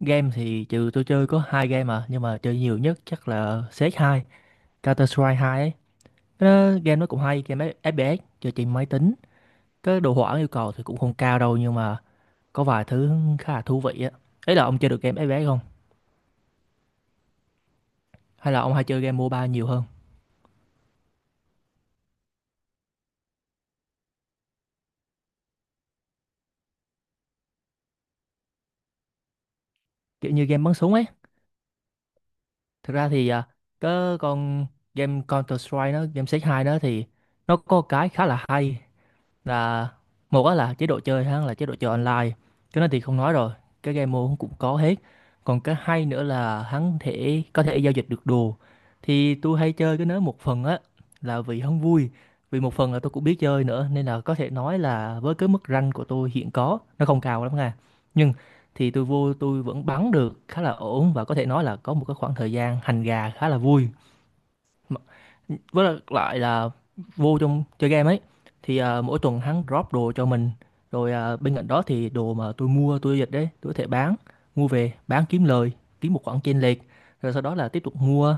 Game thì trừ tôi chơi có hai game à nhưng mà chơi nhiều nhất chắc là cs hai Counter Strike 2 ấy. Cái đó, game nó cũng hay, game FPS chơi trên máy tính. Cái đồ họa yêu cầu thì cũng không cao đâu nhưng mà có vài thứ khá là thú vị á. Ấy là ông chơi được game FPS không? Hay là ông hay chơi game MOBA nhiều hơn? Kiểu như game bắn súng ấy. Thực ra thì cái con game Counter Strike nó, game cs hai đó thì nó có cái khá là hay là một á là chế độ chơi ha là chế độ chơi online, cái đó thì không nói rồi, cái game mode cũng có hết. Còn cái hay nữa là hắn thể có thể giao dịch được đồ. Thì tôi hay chơi cái đó một phần á là vì hắn vui, vì một phần là tôi cũng biết chơi nữa nên là có thể nói là với cái mức rank của tôi hiện có nó không cao lắm nha, nhưng thì tôi vô tôi vẫn bắn được khá là ổn và có thể nói là có một cái khoảng thời gian hành gà khá là vui. mà- với lại lại là vô trong chơi game ấy thì mỗi tuần hắn drop đồ cho mình, rồi bên cạnh đó thì đồ mà tôi mua tôi dịch đấy tôi có thể bán, mua về bán kiếm lời, kiếm một khoản chênh lệch, rồi sau đó là tiếp tục mua,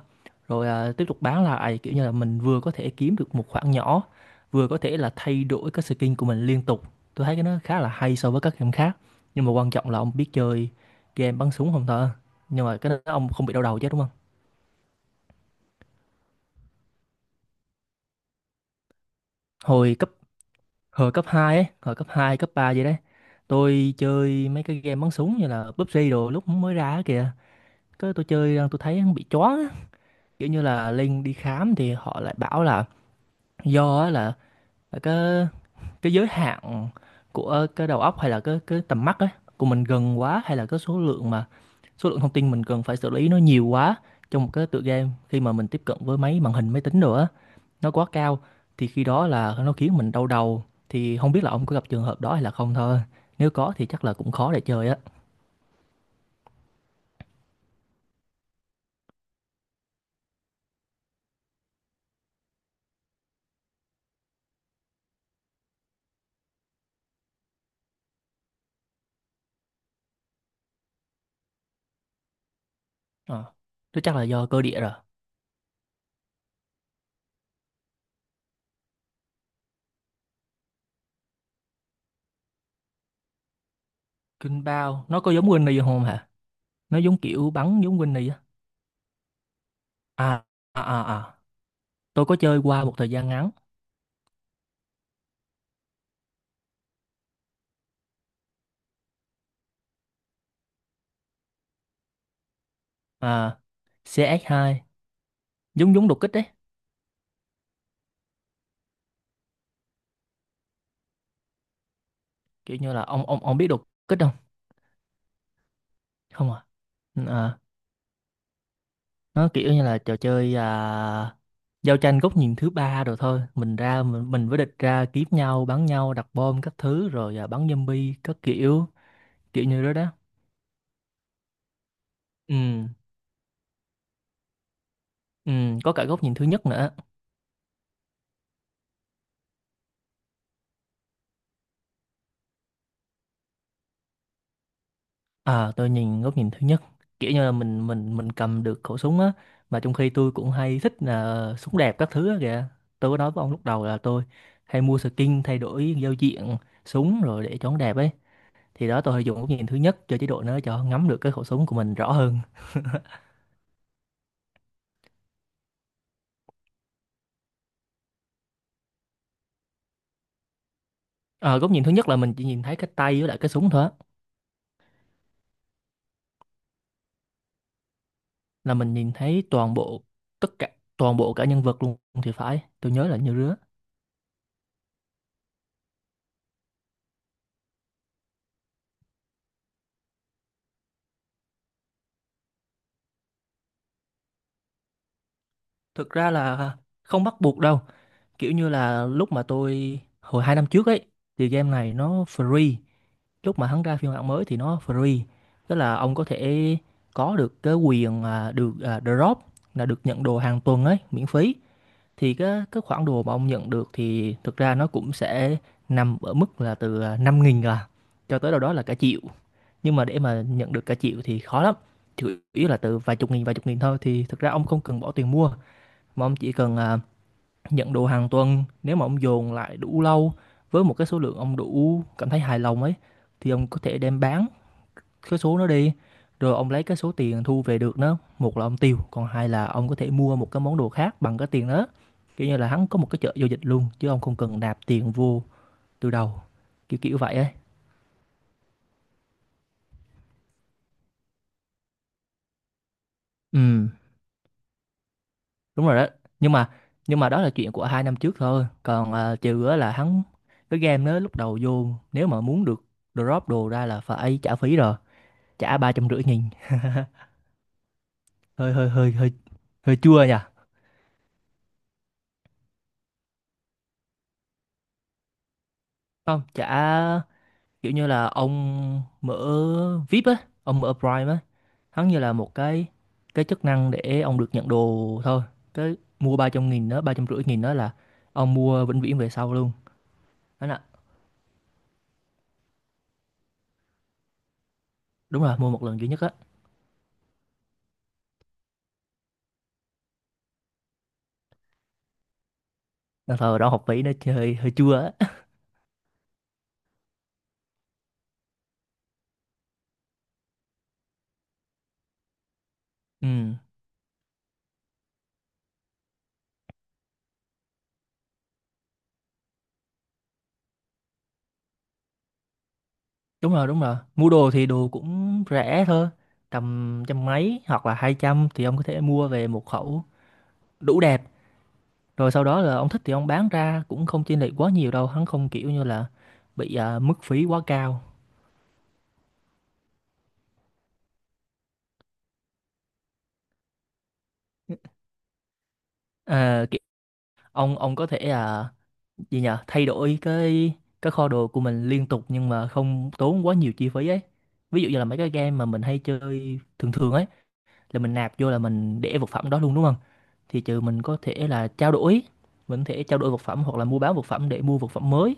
rồi tiếp tục bán lại, kiểu như là mình vừa có thể kiếm được một khoản nhỏ, vừa có thể là thay đổi cái skin của mình liên tục. Tôi thấy cái nó khá là hay so với các game khác, nhưng mà quan trọng là ông biết chơi game bắn súng không thôi. Nhưng mà cái đó ông không bị đau đầu chứ đúng không? Hồi cấp hồi cấp hai, ấy hồi cấp 2, cấp 3 vậy đấy, tôi chơi mấy cái game bắn súng như là PUBG đồ lúc mới ra á kìa, cái tôi chơi tôi thấy nó bị choáng á. Kiểu như là linh đi khám thì họ lại bảo là do á là cái giới hạn của cái đầu óc hay là cái tầm mắt ấy của mình gần quá, hay là cái số lượng mà số lượng thông tin mình cần phải xử lý nó nhiều quá trong một cái tựa game, khi mà mình tiếp cận với máy màn hình máy tính đồ á nó quá cao thì khi đó là nó khiến mình đau đầu. Thì không biết là ông có gặp trường hợp đó hay là không thôi, nếu có thì chắc là cũng khó để chơi á. Ờ, thế chắc là do cơ địa rồi. Kinh bao nó có giống Winnie không hả? Nó giống kiểu bắn giống Winnie á? à à à à. Tôi có chơi qua một thời gian ngắn. À, CX2 giống giống đột kích đấy, kiểu như là ông biết đột kích không? Không à? Ừ, à nó kiểu như là trò chơi giao tranh góc nhìn thứ ba, rồi thôi mình ra mình với địch ra kiếm nhau, bắn nhau, đặt bom các thứ, rồi bắn zombie các kiểu, kiểu như đó đó. Ừ ừ, có cả góc nhìn thứ nhất nữa. À tôi nhìn góc nhìn thứ nhất, kiểu như là mình cầm được khẩu súng á, mà trong khi tôi cũng hay thích là súng đẹp các thứ á kìa. Tôi có nói với ông lúc đầu là tôi hay mua skin thay đổi giao diện súng rồi để cho nó đẹp ấy, thì đó tôi hay dùng góc nhìn thứ nhất cho chế độ nó cho ngắm được cái khẩu súng của mình rõ hơn. Ờ, góc nhìn thứ nhất là mình chỉ nhìn thấy cái tay với lại cái súng thôi á. Là mình nhìn thấy toàn bộ, tất cả, toàn bộ cả nhân vật luôn thì phải, tôi nhớ là như rứa. Thực ra là không bắt buộc đâu, kiểu như là lúc mà tôi hồi 2 năm trước ấy thì game này nó free, lúc mà hắn ra phiên bản mới thì nó free. Tức là ông có thể có được cái quyền được drop, là được nhận đồ hàng tuần ấy, miễn phí. Thì cái khoản đồ mà ông nhận được thì thực ra nó cũng sẽ nằm ở mức là từ, 5.000 cho tới đâu đó là cả triệu. Nhưng mà để mà nhận được cả triệu thì khó lắm, chủ yếu là từ vài chục nghìn thôi. Thì thực ra ông không cần bỏ tiền mua, mà ông chỉ cần, nhận đồ hàng tuần, nếu mà ông dồn lại đủ lâu với một cái số lượng ông đủ cảm thấy hài lòng ấy, thì ông có thể đem bán cái số nó đi, rồi ông lấy cái số tiền thu về được, nó một là ông tiêu, còn hai là ông có thể mua một cái món đồ khác bằng cái tiền đó. Kiểu như là hắn có một cái chợ giao dịch luôn, chứ ông không cần nạp tiền vô từ đầu, kiểu kiểu vậy ấy. Ừ, đúng rồi đó. Nhưng mà nhưng mà đó là chuyện của 2 năm trước thôi, còn trừ á là hắn cái game đó lúc đầu vô, nếu mà muốn được drop đồ ra là phải trả phí rồi, trả 350.000. hơi hơi hơi hơi hơi chua nhỉ. Không trả, kiểu như là ông mở VIP á, ông mở Prime á, hắn như là một cái chức năng để ông được nhận đồ thôi. Cái mua 300.000 đó, 350.000 đó là ông mua vĩnh viễn về sau luôn, đó là. Đúng rồi, mua một lần duy nhất á. Nên thời đó học phí nó hơi hơi chua á. Ừ, đúng rồi, mua đồ thì đồ cũng rẻ thôi, tầm trăm mấy hoặc là 200 thì ông có thể mua về một khẩu đủ đẹp. Rồi sau đó là ông thích thì ông bán ra cũng không chênh lệch quá nhiều đâu, hắn không kiểu như là bị mức phí quá cao. À, kiểu, ông có thể gì nhỉ, thay đổi cái kho đồ của mình liên tục nhưng mà không tốn quá nhiều chi phí ấy. Ví dụ như là mấy cái game mà mình hay chơi thường thường ấy là mình nạp vô là mình để vật phẩm đó luôn đúng không? Thì trừ mình có thể là trao đổi, mình có thể trao đổi vật phẩm hoặc là mua bán vật phẩm để mua vật phẩm mới.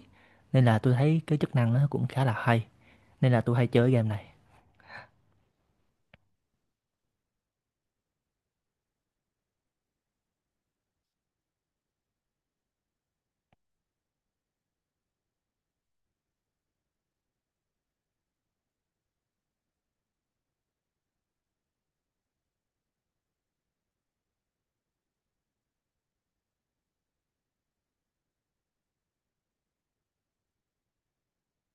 Nên là tôi thấy cái chức năng nó cũng khá là hay. Nên là tôi hay chơi game này.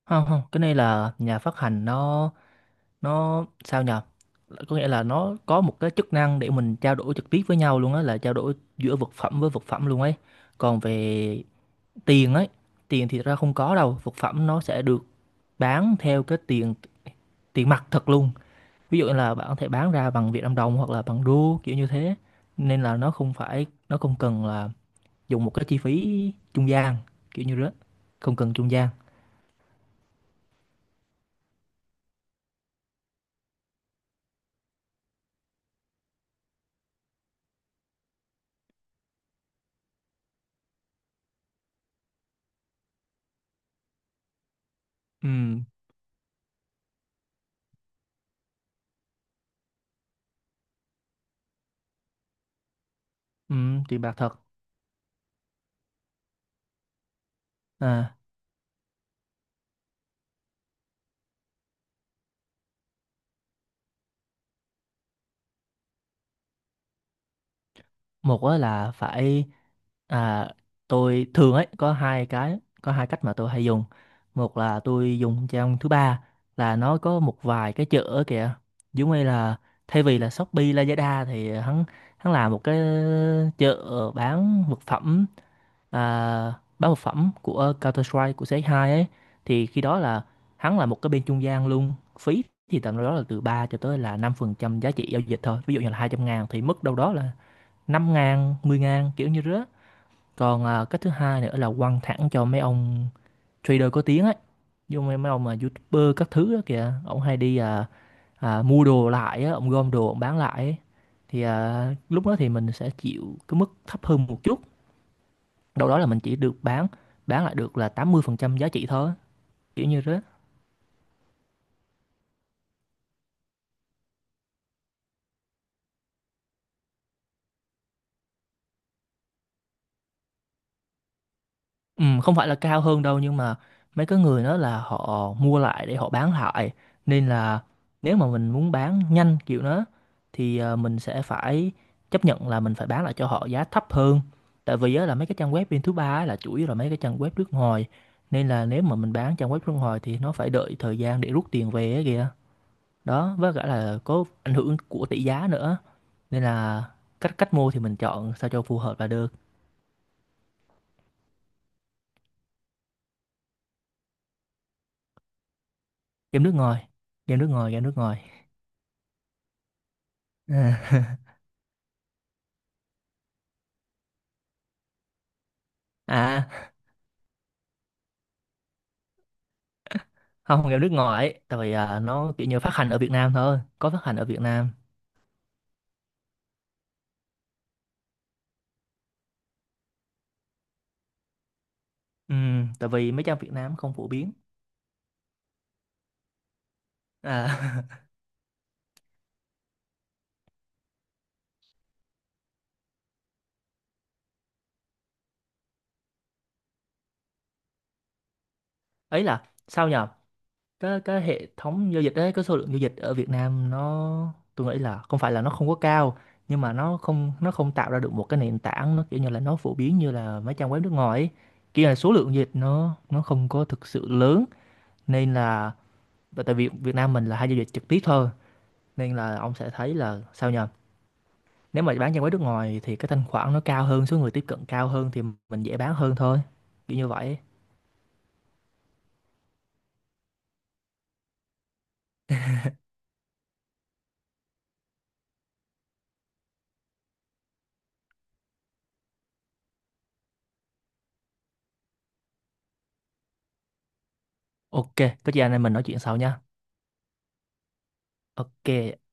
Không không, cái này là nhà phát hành nó sao nhờ, có nghĩa là nó có một cái chức năng để mình trao đổi trực tiếp với nhau luôn á, là trao đổi giữa vật phẩm với vật phẩm luôn ấy. Còn về tiền ấy, tiền thì ra không có đâu, vật phẩm nó sẽ được bán theo cái tiền, tiền mặt thật luôn. Ví dụ như là bạn có thể bán ra bằng Việt Nam đồng hoặc là bằng đô, kiểu như thế. Nên là nó không phải nó không cần là dùng một cái chi phí trung gian, kiểu như đó, không cần trung gian. Ừ ừ, tiền bạc thật. À một á là phải, à, tôi thường ấy có hai cái, có hai cách mà tôi hay dùng. Một là tôi dùng trang thứ ba, là nó có một vài cái chợ ở kìa, giống như là thay vì là Shopee Lazada thì hắn, hắn làm một cái chợ bán vật phẩm, à, bán vật phẩm của Counter Strike, của cs hai ấy. Thì khi đó là hắn là một cái bên trung gian luôn, phí thì tầm đâu đó là từ 3 cho tới là 5% giá trị giao dịch thôi, ví dụ như là 200.000 thì mất đâu đó là 5.000, 10.000 kiểu như rứa. Còn cái thứ hai nữa là quăng thẳng cho mấy ông trader có tiếng ấy. Dù mấy ông mà YouTuber các thứ đó kìa, ông hay đi mua đồ lại á, ông gom đồ ông bán lại ấy. Thì lúc đó thì mình sẽ chịu cái mức thấp hơn một chút. Đâu đó là mình chỉ được bán lại được là 80% giá trị thôi, kiểu như thế. Ừ, không phải là cao hơn đâu, nhưng mà mấy cái người đó là họ mua lại để họ bán lại, nên là nếu mà mình muốn bán nhanh kiểu đó thì mình sẽ phải chấp nhận là mình phải bán lại cho họ giá thấp hơn. Tại vì á, là mấy cái trang web bên thứ ba á là chủ yếu là mấy cái trang web nước ngoài, nên là nếu mà mình bán trang web nước ngoài thì nó phải đợi thời gian để rút tiền về ấy kìa. Đó, với cả là có ảnh hưởng của tỷ giá nữa, nên là cách cách mua thì mình chọn sao cho phù hợp là được. Game nước ngoài, game nước ngoài, game nước ngoài. À, à không, game nước ngoài, tại vì nó kiểu như phát hành ở Việt Nam thôi, có phát hành ở Việt Nam. Ừ, tại vì mấy trang Việt Nam không phổ biến. À, ấy là sao nhờ, cái hệ thống giao dịch đấy, cái số lượng giao dịch ở Việt Nam nó tôi nghĩ là không phải là nó không có cao, nhưng mà nó không tạo ra được một cái nền tảng nó kiểu như là nó phổ biến như là mấy trang web nước ngoài ấy. Kia là số lượng giao dịch nó không có thực sự lớn, nên là, và tại vì Việt Nam mình là hay giao dịch trực tiếp thôi nên là ông sẽ thấy là sao nhờ. Nếu mà bán cho mấy nước ngoài thì cái thanh khoản nó cao hơn, số người tiếp cận cao hơn thì mình dễ bán hơn thôi. Kiểu như vậy. Ok, có gì anh em mình nói chuyện sau nha. Ok.